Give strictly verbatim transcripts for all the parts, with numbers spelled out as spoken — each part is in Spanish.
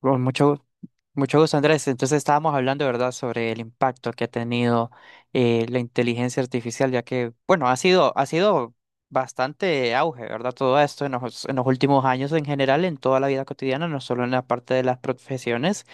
Con mucho, gu- mucho gusto, Andrés. Entonces estábamos hablando, ¿verdad?, sobre el impacto que ha tenido eh, la inteligencia artificial, ya que, bueno, ha sido, ha sido bastante auge, ¿verdad? Todo esto en los, en los últimos años en general, en toda la vida cotidiana, no solo en la parte de las profesiones.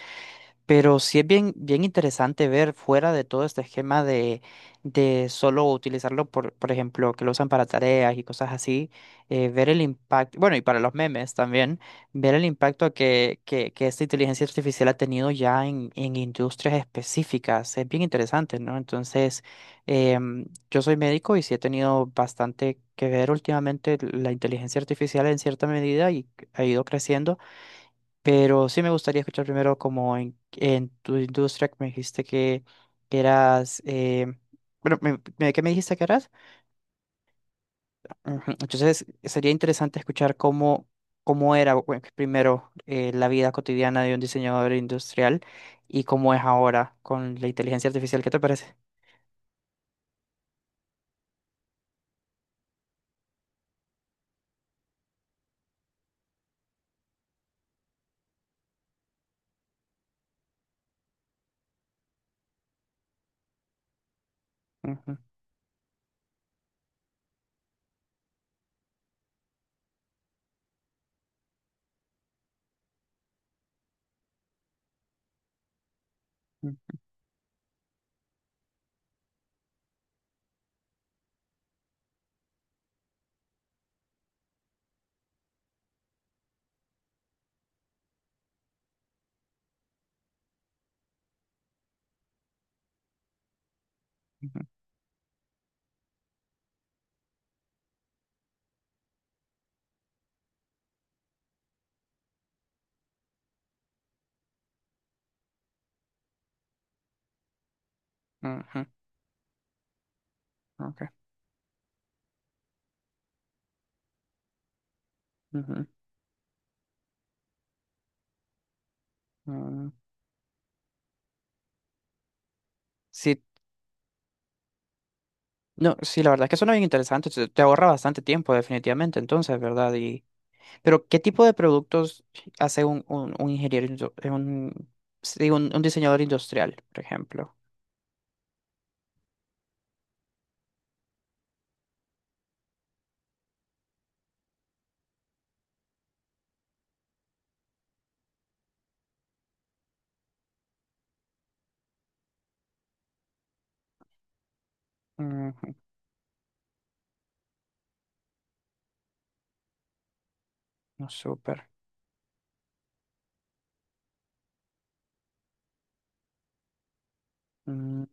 Pero sí es bien, bien interesante ver fuera de todo este esquema de, de solo utilizarlo, por, por ejemplo, que lo usan para tareas y cosas así, eh, ver el impacto, bueno, y para los memes también, ver el impacto que, que, que esta inteligencia artificial ha tenido ya en, en industrias específicas. Es bien interesante, ¿no? Entonces, em, yo soy médico y sí he tenido bastante que ver últimamente la inteligencia artificial en cierta medida y ha ido creciendo, pero sí me gustaría escuchar primero como en, en tu industria que me dijiste que eras, eh, bueno, me, me- ¿qué me dijiste que eras? Ujú. Entonces sería interesante escuchar cómo, cómo era, bueno, primero eh, la vida cotidiana de un diseñador industrial y cómo es ahora con la inteligencia artificial. ¿Qué te parece? Ujú, ujú, ujú, ujú, ok, ujú. mm. Sí, no, sí, la verdad es que suena bien interesante, te te ahorra bastante tiempo definitivamente entonces, ¿verdad? Pero ¿qué tipo de productos hace un, un, un ingeniero, indu- eh, un, sí, un, un diseñador industrial, por ejemplo? Ujú. No, súper. Mm.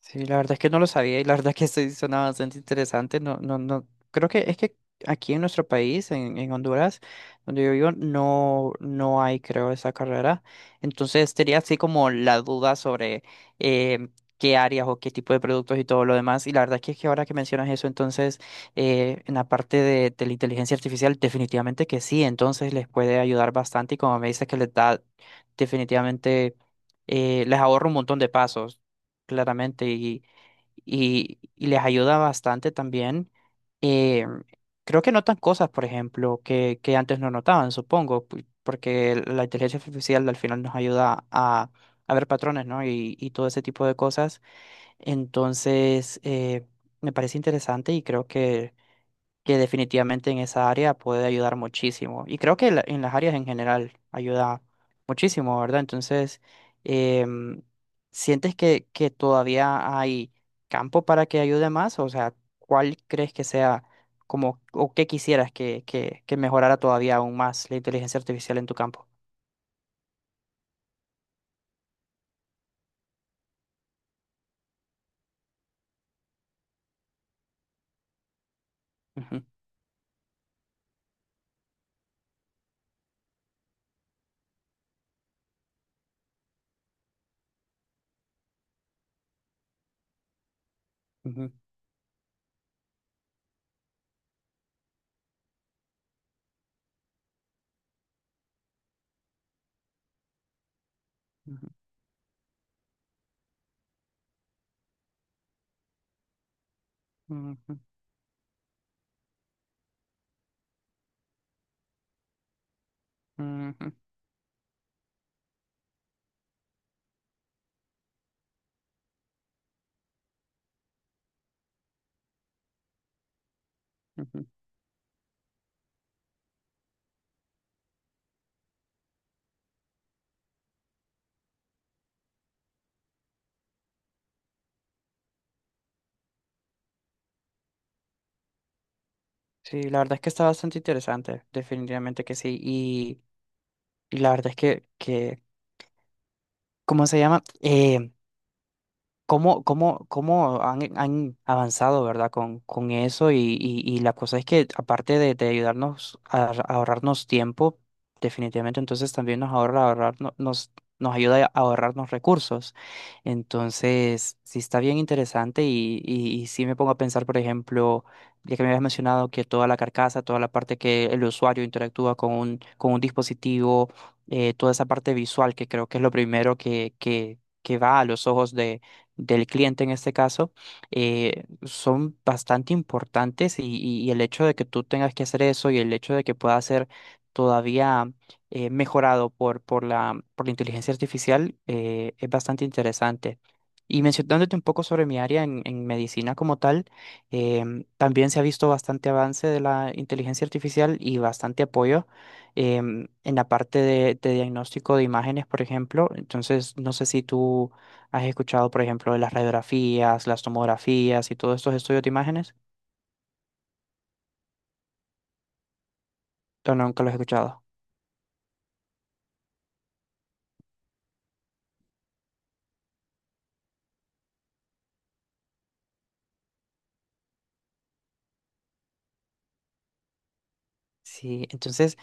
Sí, la verdad es que no lo sabía y la verdad que sí suena bastante interesante. No, no, no. Creo que es que aquí en nuestro país, en, en Honduras, donde yo vivo, no, no hay, creo, esa carrera. Entonces tenía así como la duda sobre eh, qué áreas o qué tipo de productos y todo lo demás. Y la verdad que es que ahora que mencionas eso, entonces eh, en la parte de, de la inteligencia artificial, definitivamente que sí. Entonces les puede ayudar bastante, y como me dices que les da definitivamente eh, les ahorra un montón de pasos claramente, y, y, y les ayuda bastante también. Eh, Creo que notan cosas, por ejemplo, que, que antes no notaban, supongo, pu- porque la inteligencia artificial al final nos ayuda a, a ver patrones, ¿no? Y, y todo ese tipo de cosas. Entonces, eh, me parece interesante y creo que que definitivamente en esa área puede ayudar muchísimo. Y creo que la- en las áreas en general ayuda muchísimo, ¿verdad? Entonces, em, ¿sientes que, que todavía hay campo para que ayude más? O sea, ¿cuál crees que sea como, o qué quisieras que, que, que mejorara todavía aún más la inteligencia artificial en tu campo? Ujú, ujú, ujú, ujú, ujú, ujú. Sí, la verdad es que está bastante interesante, definitivamente que sí. Y, y la verdad es que, que ¿cómo se llama? Eh, cómo, cómo, cómo han, han avanzado, ¿verdad? Con, con eso y, y, y la cosa es que aparte de, de ayudarnos a, ahor- a ahorrarnos tiempo, definitivamente entonces también nos ahorra ahorrar, no- nos, nos ayuda a ahorrarnos recursos. Entonces, sí está bien interesante y, y, y sí me pongo a pensar, por ejemplo, ya que me habías mencionado que toda la carcasa, toda la parte que el usuario interactúa con un, con un dispositivo, eh, toda esa parte visual que creo que es lo primero que, que, que va a los ojos del cliente en este caso, eh, son bastante importantes y, y- y el hecho de que tú tengas que hacer eso y el hecho de que pueda ser todavía eh, mejorado por, por la, por la inteligencia artificial, eh, es bastante interesante. Y mencionándote un poco sobre mi área en, en medicina como tal, em, también se ha visto bastante avance de la inteligencia artificial y bastante apoyo em, en la parte de, de diagnóstico de imágenes, por ejemplo. Entonces, no sé si tú, ¿has escuchado, por ejemplo, de las radiografías, las tomografías y todos estos estudios de imágenes? ¿O nunca los he escuchado? Sí, entonces,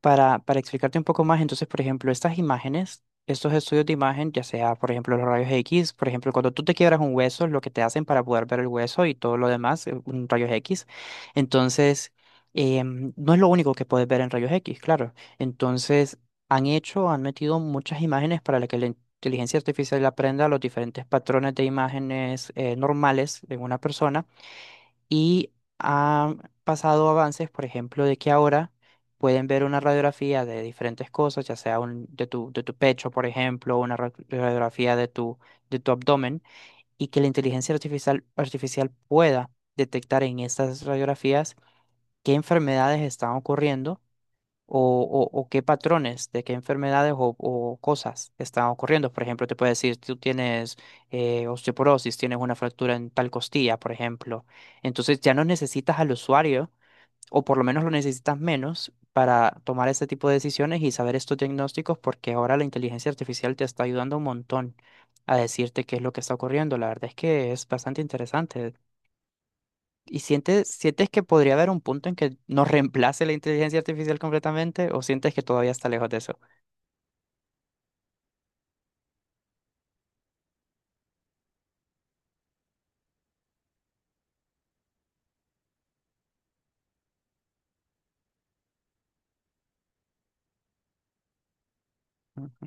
Para, para explicarte un poco más, entonces, por ejemplo, estas imágenes, estos estudios de imagen, ya sea, por ejemplo, los rayos X, por ejemplo, cuando tú te quiebras un hueso, lo que te hacen para poder ver el hueso y todo lo demás, eh, un rayos X. Entonces, em, no es lo único que puedes ver en rayos X, claro. Entonces, han hecho, han metido muchas imágenes para la que la inteligencia artificial aprenda los diferentes patrones de imágenes eh, normales de una persona, y han pasado avances, por ejemplo, de que ahora pueden ver una radiografía de diferentes cosas, ya sea un, de tu, de tu pecho, por ejemplo, una ra- radiografía de tu, de tu abdomen, y que la inteligencia artificial, artificial pueda detectar en estas radiografías qué enfermedades están ocurriendo o, o- o qué patrones de qué enfermedades o, o cosas están ocurriendo. Por ejemplo, te puede decir, tú tienes eh, osteoporosis, tienes una fractura en tal costilla, por ejemplo. Entonces ya no necesitas al usuario, o por lo menos lo necesitas menos para tomar ese tipo de decisiones y saber estos diagnósticos, porque ahora la inteligencia artificial te está ayudando un montón a decirte qué es lo que está ocurriendo. La verdad es que es bastante interesante. ¿Y sientes, sientes que podría haber un punto en que nos reemplace la inteligencia artificial completamente o sientes que todavía está lejos de eso? Mm.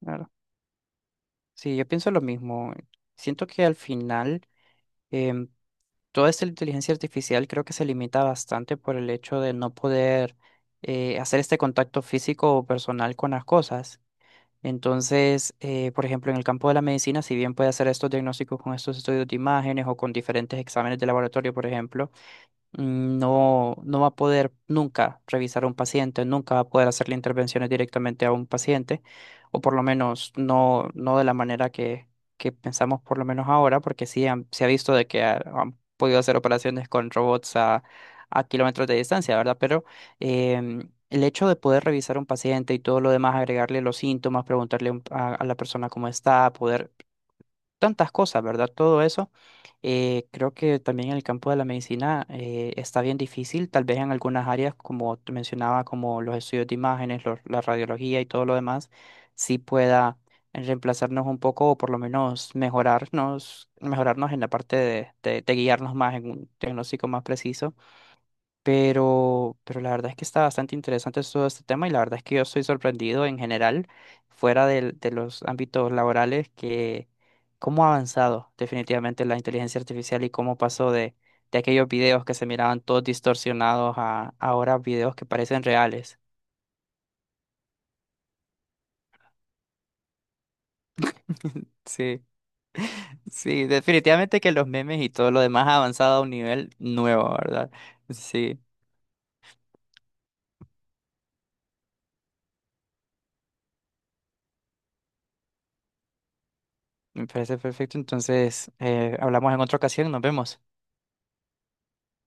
Claro. Sí, yo pienso lo mismo. Siento que al final, em, toda esta inteligencia artificial creo que se limita bastante por el hecho de no poder eh, hacer este contacto físico o personal con las cosas. Entonces, eh, por ejemplo, en el campo de la medicina, si bien puede hacer estos diagnósticos con estos estudios de imágenes o con diferentes exámenes de laboratorio, por ejemplo, mm, no, no va a poder nunca revisar a un paciente, nunca va a poder hacerle intervenciones directamente a un paciente, o por lo menos no, no de la manera que, que pensamos por lo menos ahora, porque sí han- se ha visto de que ha- han podido hacer operaciones con robots a, a kilómetros de distancia, ¿verdad? Pero em, el hecho de poder revisar a un paciente y todo lo demás, agregarle los síntomas, preguntarle un- a, a la persona cómo está, poder tantas cosas, ¿verdad? Todo eso. Eh, creo que también en el campo de la medicina, eh, está bien difícil, tal vez en algunas áreas, como te mencionaba, como los estudios de imágenes, los- la radiología y todo lo demás, sí pueda reemplazarnos un poco o por lo menos mejorarnos, mejorarnos en la parte de, de- de guiarnos más en un diagnóstico más preciso. Pero, pero la verdad es que está bastante interesante todo este tema y la verdad es que yo estoy sorprendido en general, fuera del- de los ámbitos laborales, que cómo ha avanzado definitivamente la inteligencia artificial y cómo pasó de, de aquellos videos que se miraban todos distorsionados a ahora videos que parecen reales. Sí, sí, definitivamente que los memes y todo lo demás ha avanzado a un nivel nuevo, ¿verdad? Sí, me parece perfecto. Entonces, eh, hablamos en otra ocasión, nos vemos.